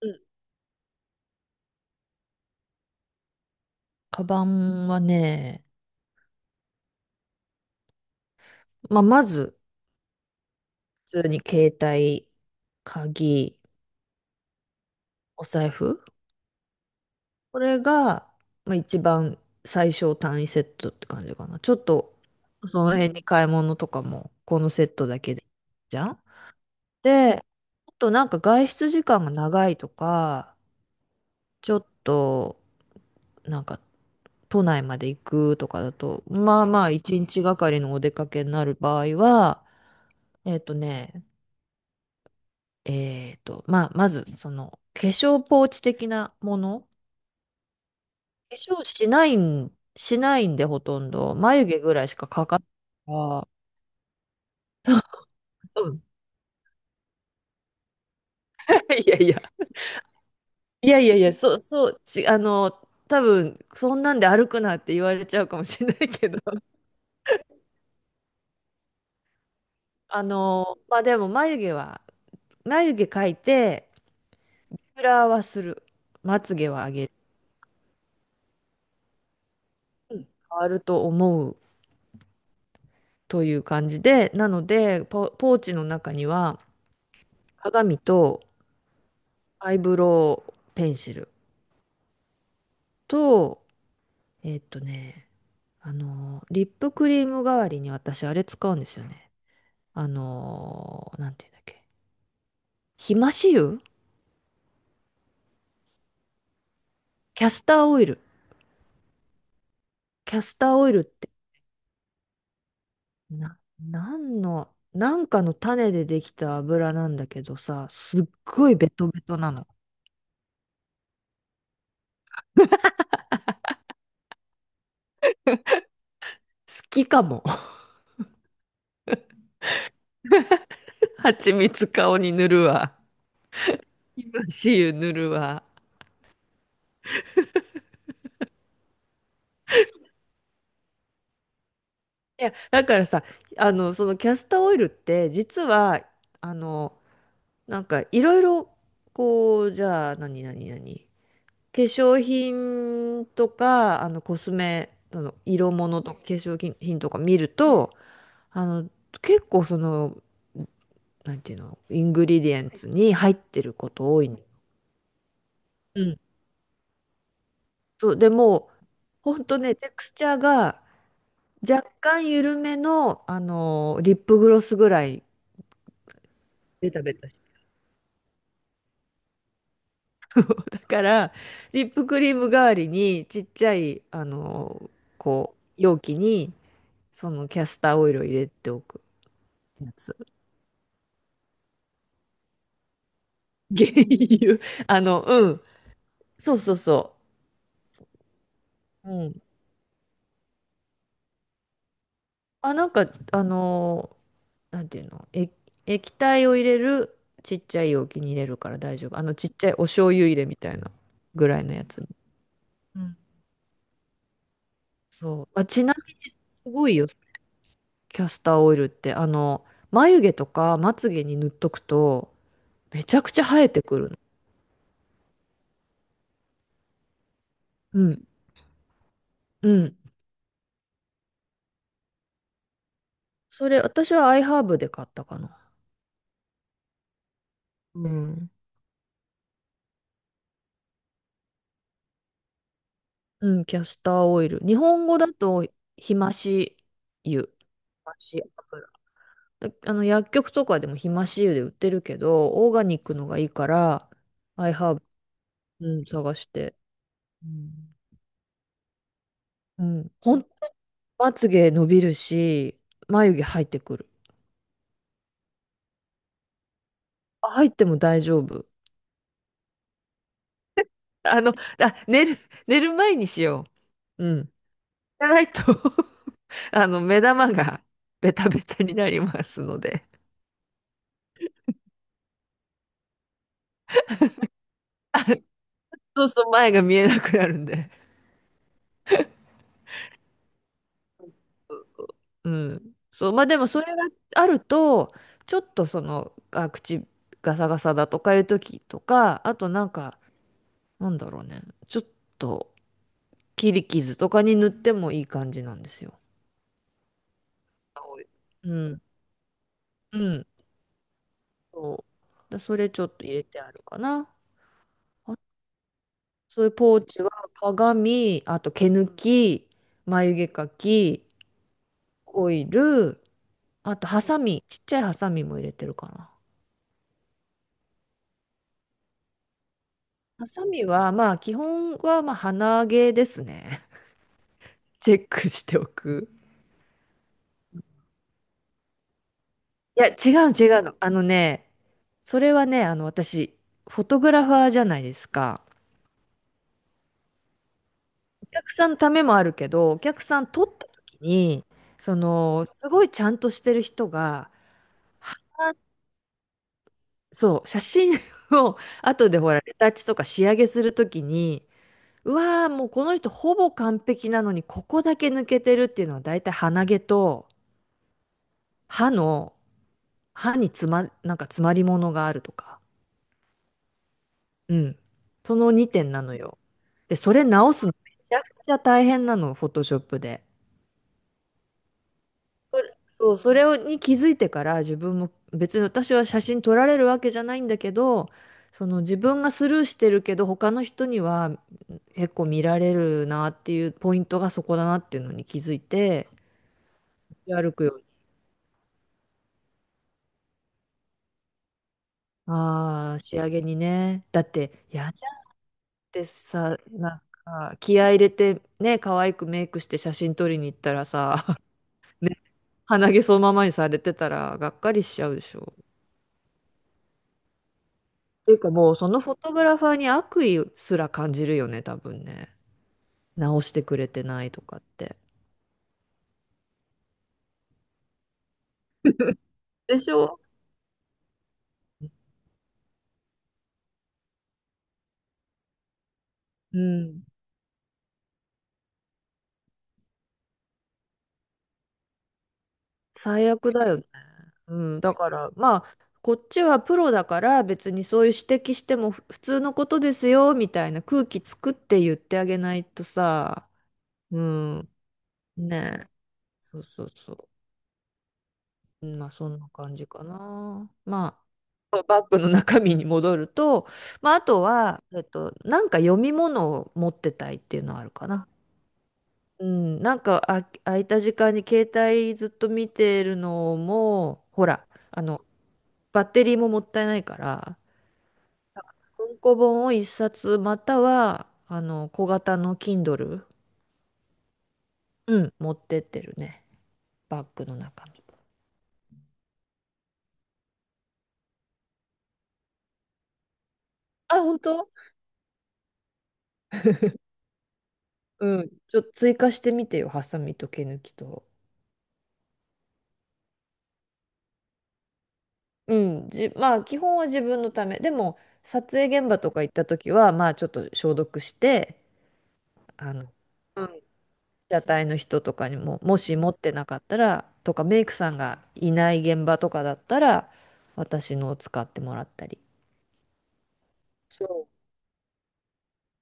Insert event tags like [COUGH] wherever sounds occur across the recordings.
うん。カバンはね、まあ、まず、普通に携帯、鍵、お財布。これが、まあ、一番最小単位セットって感じかな。ちょっと、その辺に買い物とかも、このセットだけで、じゃん。で、あとなんか外出時間が長いとか、ちょっと、なんか、都内まで行くとかだと、まあまあ、一日がかりのお出かけになる場合は、えっとね、えっと、まあ、まず、その、化粧ポーチ的なもの。化粧しないんで、ほとんど。眉毛ぐらいしかかかああー、うん。[LAUGHS] いやいや。いやいやいや、そう、そう、ち、あの、多分、そんなんで歩くなって言われちゃうかもしれないけど。[LAUGHS] あの、まあでも、眉毛は、眉毛描いて、フラはする。まつげは上げる。変わると思うという感じで、なので、ポーチの中には、鏡と、アイブロウペンシルと、えっとね、あの、リップクリーム代わりに私あれ使うんですよね。あの、なんていうんだっけ。ひまし油キャスターオイル。キャスターオイルって、なんの、なんかの種でできた油なんだけどさ、すっごいベトベトなの。好きかも。[LAUGHS] 蜂蜜顔に塗るわ。ひまし油塗るわ。いや、だからさ、あの、そのキャスターオイルって、実は、あの、なんかいろいろこうじゃあ何何何化粧品とかあのコスメその色物とか化粧品品とか見るとあの結構そのなんていうのイングリディエンツに入ってること多いの。うん。そうでもうほんとねテクスチャーが若干緩めの、あのリップグロスぐらいベタベタだから、リップクリーム代わりに、ちっちゃい、あの、こう、容器に、そのキャスターオイルを入れておくやつ。[LAUGHS] 原油。あの、うん。そうそうそう。うん。あ、なんか、あの、なんていうの、え、液体を入れる、ちっちゃい容器に入れるから大丈夫。あの、ちっちゃいお醤油入れみたいなぐらいのやつ。うん。そう。あ、ちなみにすごいよ、キャスターオイルって。あの、眉毛とかまつげに塗っとくと、めちゃくちゃ生えてくるの。うん。うん。それ、私はアイハーブで買ったかな。うん。うん、キャスターオイル。日本語だと、ひまし油。ひまし油。あの、薬局とかでもひまし油で売ってるけど、オーガニックのがいいから、アイハーブ、うん、探して。うん。うん。本当にまつげ伸びるし、眉毛入ってくる。あ入っても大丈夫。あの、あ、寝る前にしよう。うん。じゃないとあの、目玉が [LAUGHS] ベタベタになりますので。[LAUGHS] あそうそう、前が見えなくなるんで。そうそう。うん。そう、まあでもそれがあると、ちょっとその、あ、口ガサガサだとかいう時とか、あとなんか、なんだろうね、ちょっと切り傷とかに塗ってもいい感じなんですよ。青いうん。うん。そう。だ、それちょっと入れてあるかな。そういうポーチは鏡、あと毛抜き、眉毛描き、オイル、あとハサミ、ちっちゃいハサミも入れてるかな。ハサミはまあ基本はまあ鼻毛ですね。[LAUGHS] チェックしておく。いや、違うの。あのね、それはね、あの私、フォトグラファーじゃないですか。お客さんのためもあるけど、お客さん撮った時に、その、すごいちゃんとしてる人が、はそう、写真を後でほら、レタッチとか仕上げする時に、うわー、もうこの人ほぼ完璧なのに、ここだけ抜けてるっていうのは大体鼻毛と歯の、歯につま、なんか詰まり物があるとか。うん。その2点なのよ。で、それ直すのめちゃくちゃ大変なの、フォトショップで。それに気づいてから自分も別に私は写真撮られるわけじゃないんだけど、その自分がスルーしてるけど他の人には結構見られるなっていうポイントがそこだなっていうのに気づいて、歩くああ、仕上げにね。だって、嫌じゃんってさ、なんか、気合い入れて、ね、可愛くメイクして写真撮りに行ったらさ、[LAUGHS] ね、鼻毛そのままにされてたら、がっかりしちゃうでしょ。っていうかもう、そのフォトグラファーに悪意すら感じるよね、多分ね。直してくれてないとかって。でしょうん。最悪だよね。うん、だからまあこっちはプロだから別にそういう指摘しても普通のことですよみたいな空気作って言ってあげないとさ、うん、ねえ、そうそうそう、うんまあそんな感じかな。まあバッグの中身に戻ると、まあ、あとは、えっと、なんか読み物を持ってたいっていうのはあるかな。うん、なんかあ空いた時間に携帯ずっと見てるのもほらあのバッテリーももったいないから文庫本を一冊またはあの小型の Kindle、うん、持ってってるねバッグの中身あ本当うんちょっと追加してみてよハサミと毛抜きとうんじまあ基本は自分のためでも撮影現場とか行った時はまあちょっと消毒してあの車体の人とかにも、もし持ってなかったら、とかメイクさんがいない現場とかだったら、私のを使ってもらったり。そ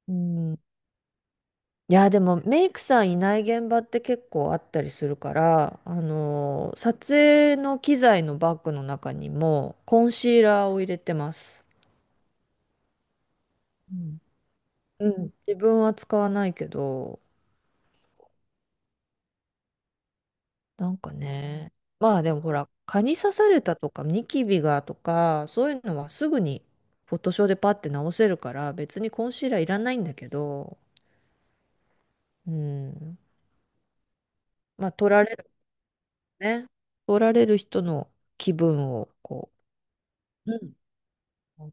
う。うん。いや、でもメイクさんいない現場って結構あったりするから、あのー撮影の機材のバッグの中にもコンシーラーを入れてます。うんうん。自分は使わないけど、なんかね、まあでもほら、蚊に刺されたとか、ニキビがとか、そういうのはすぐにフォトショーでパッて直せるから、別にコンシーラーいらないんだけど、うん。まあ取られるね。取られる人の気分をこうん。うん。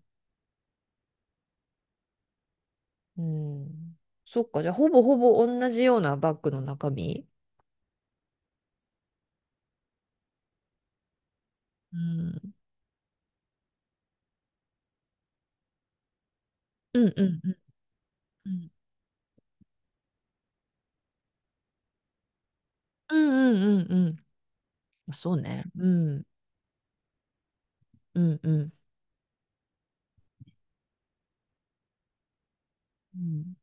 うん。そっか、じゃあほぼほぼ同じようなバッグの中身。うん。うんうんうんうん。うんうんうんうん。まあそうね。うん。うんうん。うん。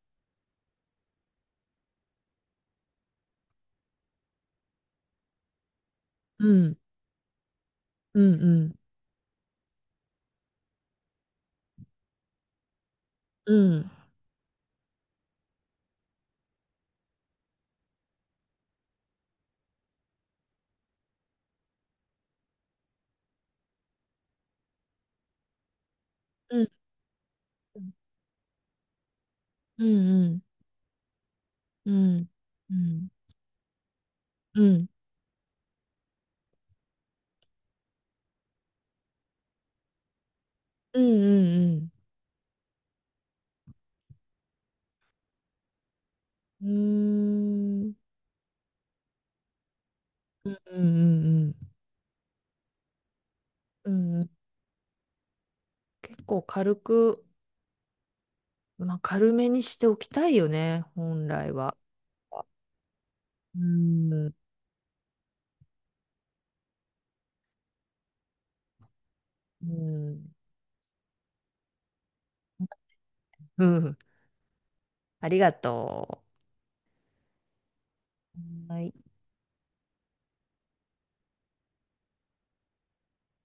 うんうんうんうんうんうんうんうんうんうんうんうんうんうーんうんうんうんうん結構軽く、まあ、軽めにしておきたいよね本来は。うんうんうんありがとう。はい